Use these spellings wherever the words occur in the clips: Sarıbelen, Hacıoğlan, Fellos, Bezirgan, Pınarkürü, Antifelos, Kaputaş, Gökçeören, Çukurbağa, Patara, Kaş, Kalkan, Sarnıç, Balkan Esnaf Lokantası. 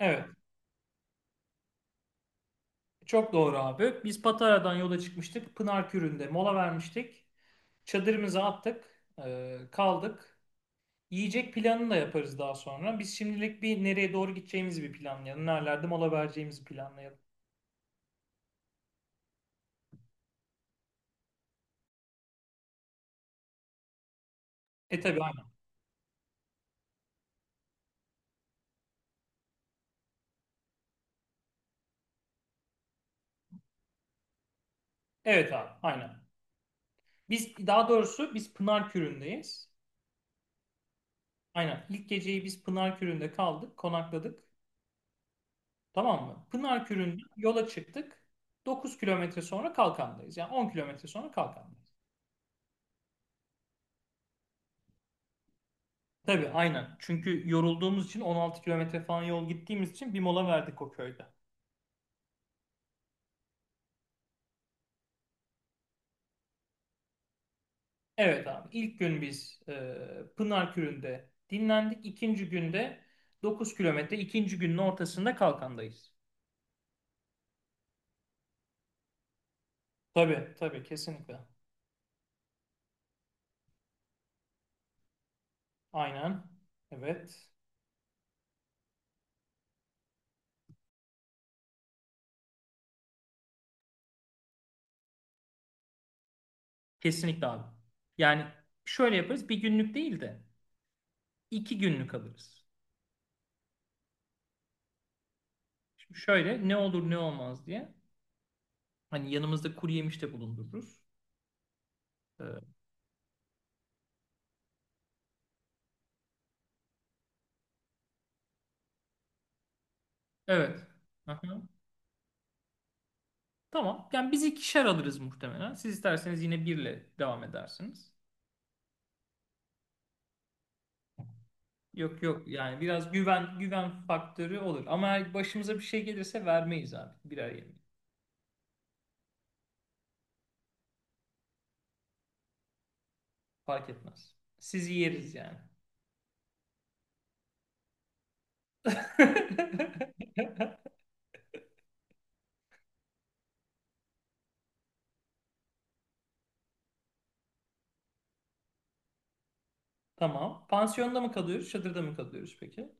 Evet, çok doğru abi. Biz Patara'dan yola çıkmıştık. Pınarkürü'nde mola vermiştik. Çadırımızı attık, kaldık. Yiyecek planını da yaparız daha sonra. Biz şimdilik bir nereye doğru gideceğimizi bir planlayalım. Nerelerde mola vereceğimizi planlayalım. Tabii aynen. Evet abi, aynen. Biz daha doğrusu biz Pınarkürü'ndeyiz. Aynen. İlk geceyi biz Pınarkürü'nde kaldık, konakladık. Tamam mı? Pınarkürü'nden yola çıktık. 9 kilometre sonra Kalkan'dayız. Yani 10 kilometre sonra Kalkan'dayız. Tabii aynen. Çünkü yorulduğumuz için 16 kilometre falan yol gittiğimiz için bir mola verdik o köyde. Evet abi, İlk gün biz Pınarkürü'nde dinlendik. İkinci günde 9 kilometre. İkinci günün ortasında Kalkan'dayız. Tabii tabii kesinlikle. Aynen. Evet. Kesinlikle abi. Yani şöyle yaparız bir günlük değil de 2 günlük alırız. Şimdi şöyle ne olur ne olmaz diye. Hani yanımızda kuru yemiş de bulundururuz. Ee, evet. Aha. Tamam. Yani biz ikişer alırız muhtemelen. Siz isterseniz yine birle devam edersiniz. Yok yok, yani biraz güven güven faktörü olur. Ama eğer başımıza bir şey gelirse vermeyiz abi. Birer yemeği. Fark etmez. Sizi yeriz yani. Tamam. Pansiyonda mı kalıyoruz, çadırda mı kalıyoruz peki?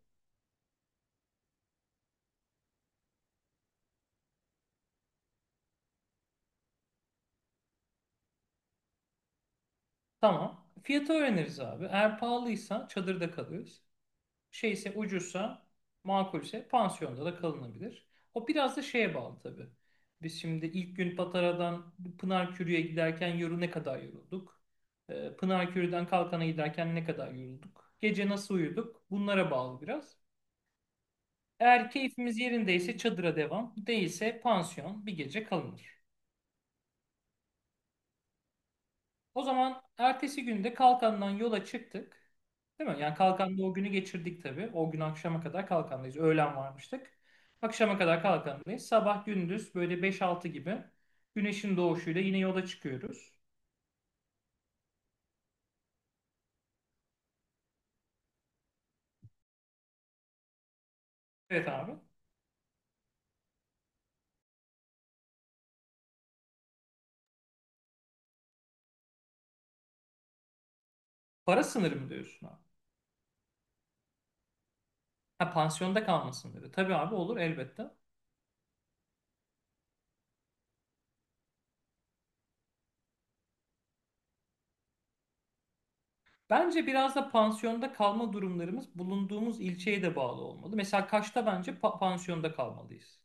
Tamam. Fiyatı öğreniriz abi. Eğer pahalıysa çadırda kalıyoruz. Şeyse ucuzsa, makulse pansiyonda da kalınabilir. O biraz da şeye bağlı tabii. Biz şimdi ilk gün Patara'dan Pınarkürü'ye giderken ne kadar yorulduk? Pınarkürü'den Kalkan'a giderken ne kadar yorulduk? Gece nasıl uyuduk? Bunlara bağlı biraz. Eğer keyfimiz yerindeyse çadıra devam, değilse pansiyon bir gece kalınır. O zaman ertesi günde Kalkan'dan yola çıktık. Değil mi? Yani Kalkan'da o günü geçirdik tabii. O gün akşama kadar Kalkan'dayız. Öğlen varmıştık. Akşama kadar Kalkan'dayız. Sabah gündüz böyle beş altı gibi güneşin doğuşuyla yine yola çıkıyoruz. Evet abi. Para sınırı mı diyorsun abi? Ha, pansiyonda kalma sınırı. Tabii abi, olur elbette. Bence biraz da pansiyonda kalma durumlarımız bulunduğumuz ilçeye de bağlı olmalı. Mesela Kaş'ta bence pansiyonda kalmalıyız.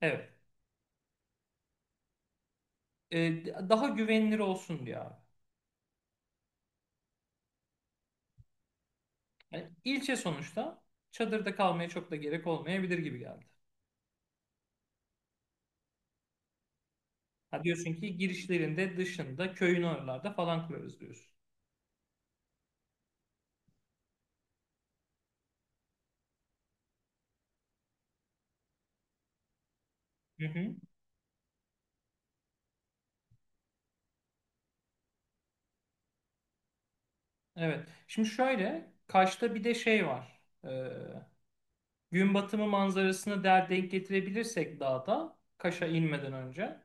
Evet. Daha güvenilir olsun diye abi. Yani ilçe sonuçta çadırda kalmaya çok da gerek olmayabilir gibi geldi. Ha, diyorsun ki girişlerinde, dışında, köyün oralarda falan kurarız diyorsun. Hı hı. Evet. Şimdi şöyle, Kaş'ta bir de şey var. Gün batımı manzarasını denk getirebilirsek dağda, Kaş'a inmeden önce.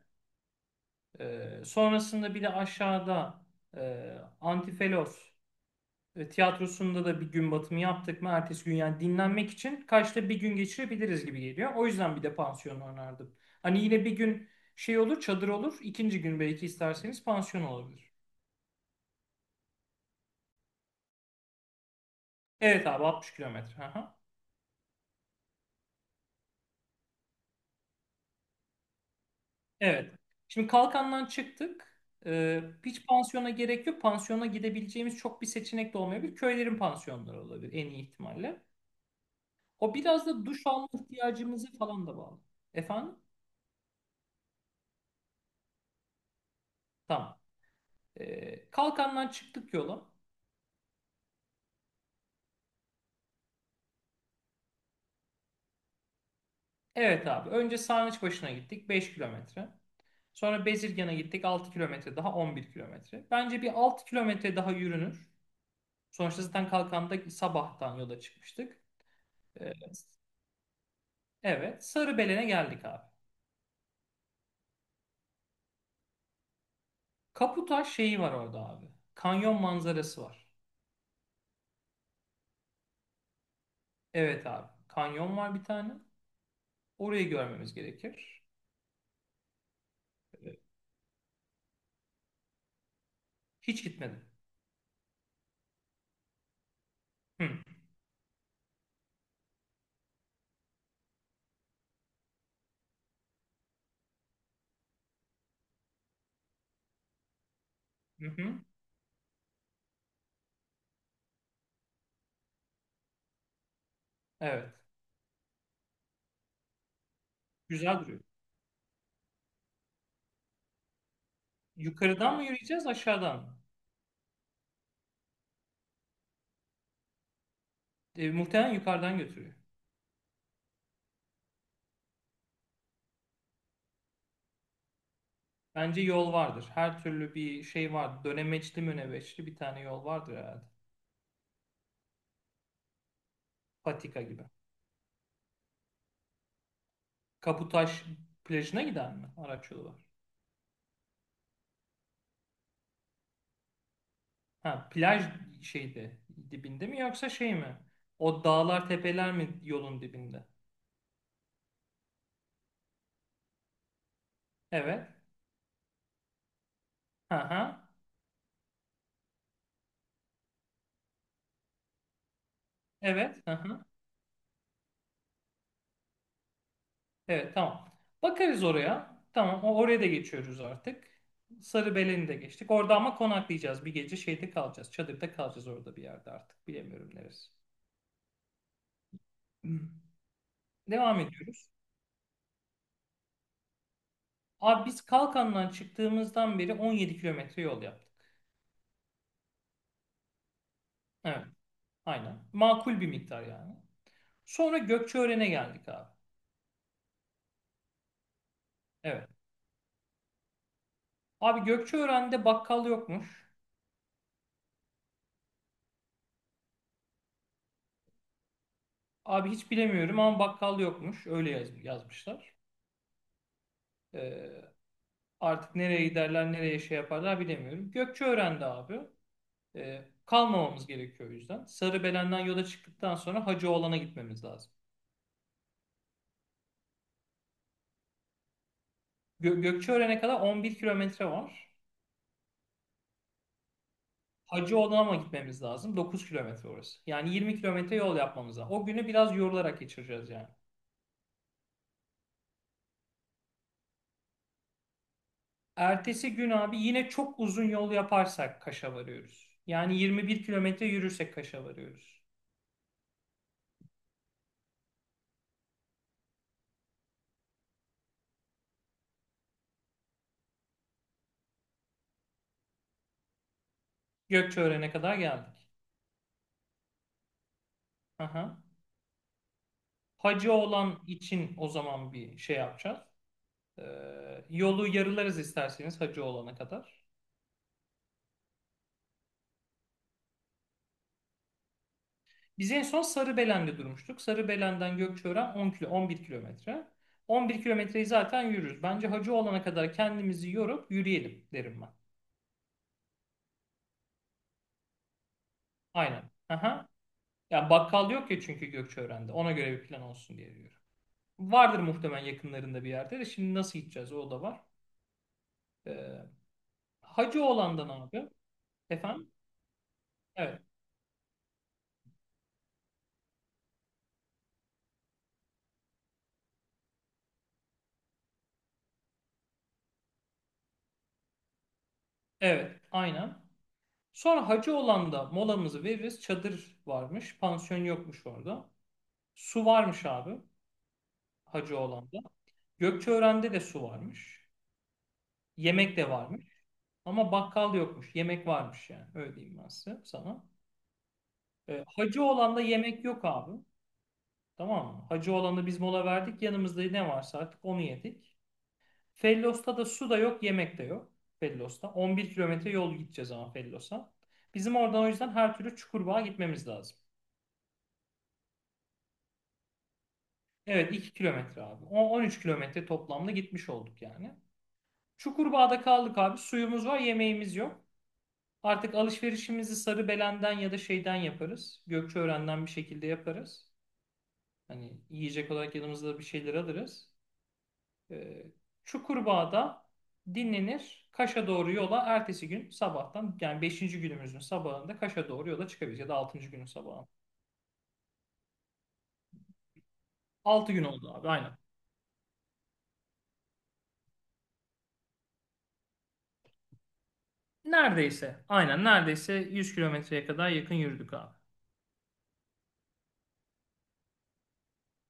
Sonrasında bir de aşağıda e, Antifelos tiyatrosunda da bir gün batımı yaptık mı ertesi gün, yani dinlenmek için Kaş'ta bir gün geçirebiliriz gibi geliyor. O yüzden bir de pansiyon önerdim. Hani yine bir gün şey olur, çadır olur, ikinci gün belki isterseniz pansiyon olabilir. Evet abi, 60 kilometre. Aha. Evet. Şimdi Kalkan'dan çıktık. Hiç pansiyona gerek yok. Pansiyona gidebileceğimiz çok bir seçenek de olmayabilir. Köylerin pansiyonları olabilir en iyi ihtimalle. O biraz da duş alma ihtiyacımızı falan da bağlı. Efendim? Tamam. Kalkan'dan çıktık yola. Evet abi. Önce Sarnıç gittik 5 kilometre. Sonra Bezirgan'a gittik 6 kilometre daha, 11 kilometre. Bence bir 6 kilometre daha yürünür. Sonuçta zaten Kalkan'da sabahtan yola çıkmıştık. Ee, evet. Sarıbelen'e geldik abi. Kaputaş şeyi var orada abi. Kanyon manzarası var. Evet abi. Kanyon var bir tane. Orayı görmemiz gerekir. Ee, Hiç gitmedim. Hı. Hı hı. Evet. Güzel duruyor. Yukarıdan mı yürüyeceğiz, aşağıdan mı? Muhtemelen yukarıdan götürüyor. Bence yol vardır. Her türlü bir şey var. Dönemeçli mönebeçli bir tane yol vardır herhalde. Patika gibi. Kaputaş plajına giden mi araç yolu var? Ha, plaj şeyde dibinde mi, yoksa şey mi? O dağlar tepeler mi yolun dibinde? Evet. Ha ha. Evet. Hı hı. Evet, tamam. Bakarız oraya. Tamam, oraya da geçiyoruz artık. Sarıbelen'i de geçtik. Orada ama konaklayacağız. Bir gece şeyde kalacağız. Çadırda kalacağız orada bir yerde artık. Bilemiyorum neresi. Hmm. Devam ediyoruz. Abi biz Kalkan'dan çıktığımızdan beri 17 kilometre yol yaptık. Evet, aynen. Makul bir miktar yani. Sonra Gökçeören'e geldik abi. Evet. Abi Gökçeören'de bakkal yokmuş. Abi hiç bilemiyorum ama bakkal yokmuş. Öyle yazmışlar. Ee, Artık nereye giderler, nereye şey yaparlar bilemiyorum. Gökçeören'de abi, kalmamamız gerekiyor o yüzden. Sarıbelen'den yola çıktıktan sonra Hacıoğlan'a gitmemiz lazım. Gökçeören'e kadar 11 kilometre var. Hacı Odam'a gitmemiz lazım. 9 kilometre orası. Yani 20 kilometre yol yapmamız lazım. O günü biraz yorularak geçireceğiz yani. Ertesi gün abi yine çok uzun yol yaparsak Kaş'a varıyoruz. Yani 21 kilometre yürürsek Kaş'a varıyoruz. Gökçeören'e kadar geldik. Aha. Hacı olan için o zaman bir şey yapacağız. Yolu yarılarız isterseniz Hacı olana kadar. Biz en son Sarıbelen'de durmuştuk. Sarıbelen'den Gökçeören 10 kilo, 11 kilometre. 11 kilometreyi zaten yürürüz. Bence hacı olana kadar kendimizi yorup yürüyelim derim ben. Aynen. Aha. Ya bakkal yok ya, çünkü Gökçeören'de. Ona göre bir plan olsun diye diyorum. Vardır muhtemelen yakınlarında bir yerde de. Şimdi nasıl gideceğiz, o da var. Ee, Hacı olandan abi. Efendim? Evet. Evet. Aynen. Sonra hacı olanda molamızı veririz. Çadır varmış. Pansiyon yokmuş orada. Su varmış abi. Hacı olanda. Gökçeören'de de su varmış. Yemek de varmış. Ama bakkal yokmuş. Yemek varmış yani. Öyle diyeyim ben size, sana. Hacı olanda yemek yok abi. Tamam mı? Hacı olanda biz mola verdik. Yanımızda ne varsa artık onu yedik. Fellos'ta da su da yok, yemek de yok. Fellos'ta. 11 kilometre yol gideceğiz ama Fellos'a. Bizim oradan o yüzden her türlü Çukurbağa gitmemiz lazım. Evet, 2 kilometre abi. 13 kilometre toplamda gitmiş olduk yani. Çukurbağa'da kaldık abi. Suyumuz var, yemeğimiz yok. Artık alışverişimizi Sarıbelen'den ya da şeyden yaparız. Gökçeören'den bir şekilde yaparız. Hani yiyecek olarak yanımızda bir şeyler alırız. Ee, Çukurbağa'da dinlenir. Kaş'a doğru yola ertesi gün sabahtan, yani beşinci günümüzün sabahında Kaş'a doğru yola çıkabiliriz ya da 6. günün sabahı. 6 gün oldu abi aynen. Neredeyse aynen, neredeyse 100 kilometreye kadar yakın yürüdük abi.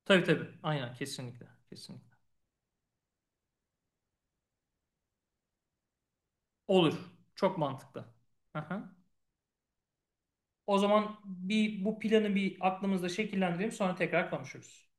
Tabii tabii aynen, kesinlikle kesinlikle. Olur, çok mantıklı. Aha. O zaman bir bu planı bir aklımızda şekillendirelim, sonra tekrar konuşuruz.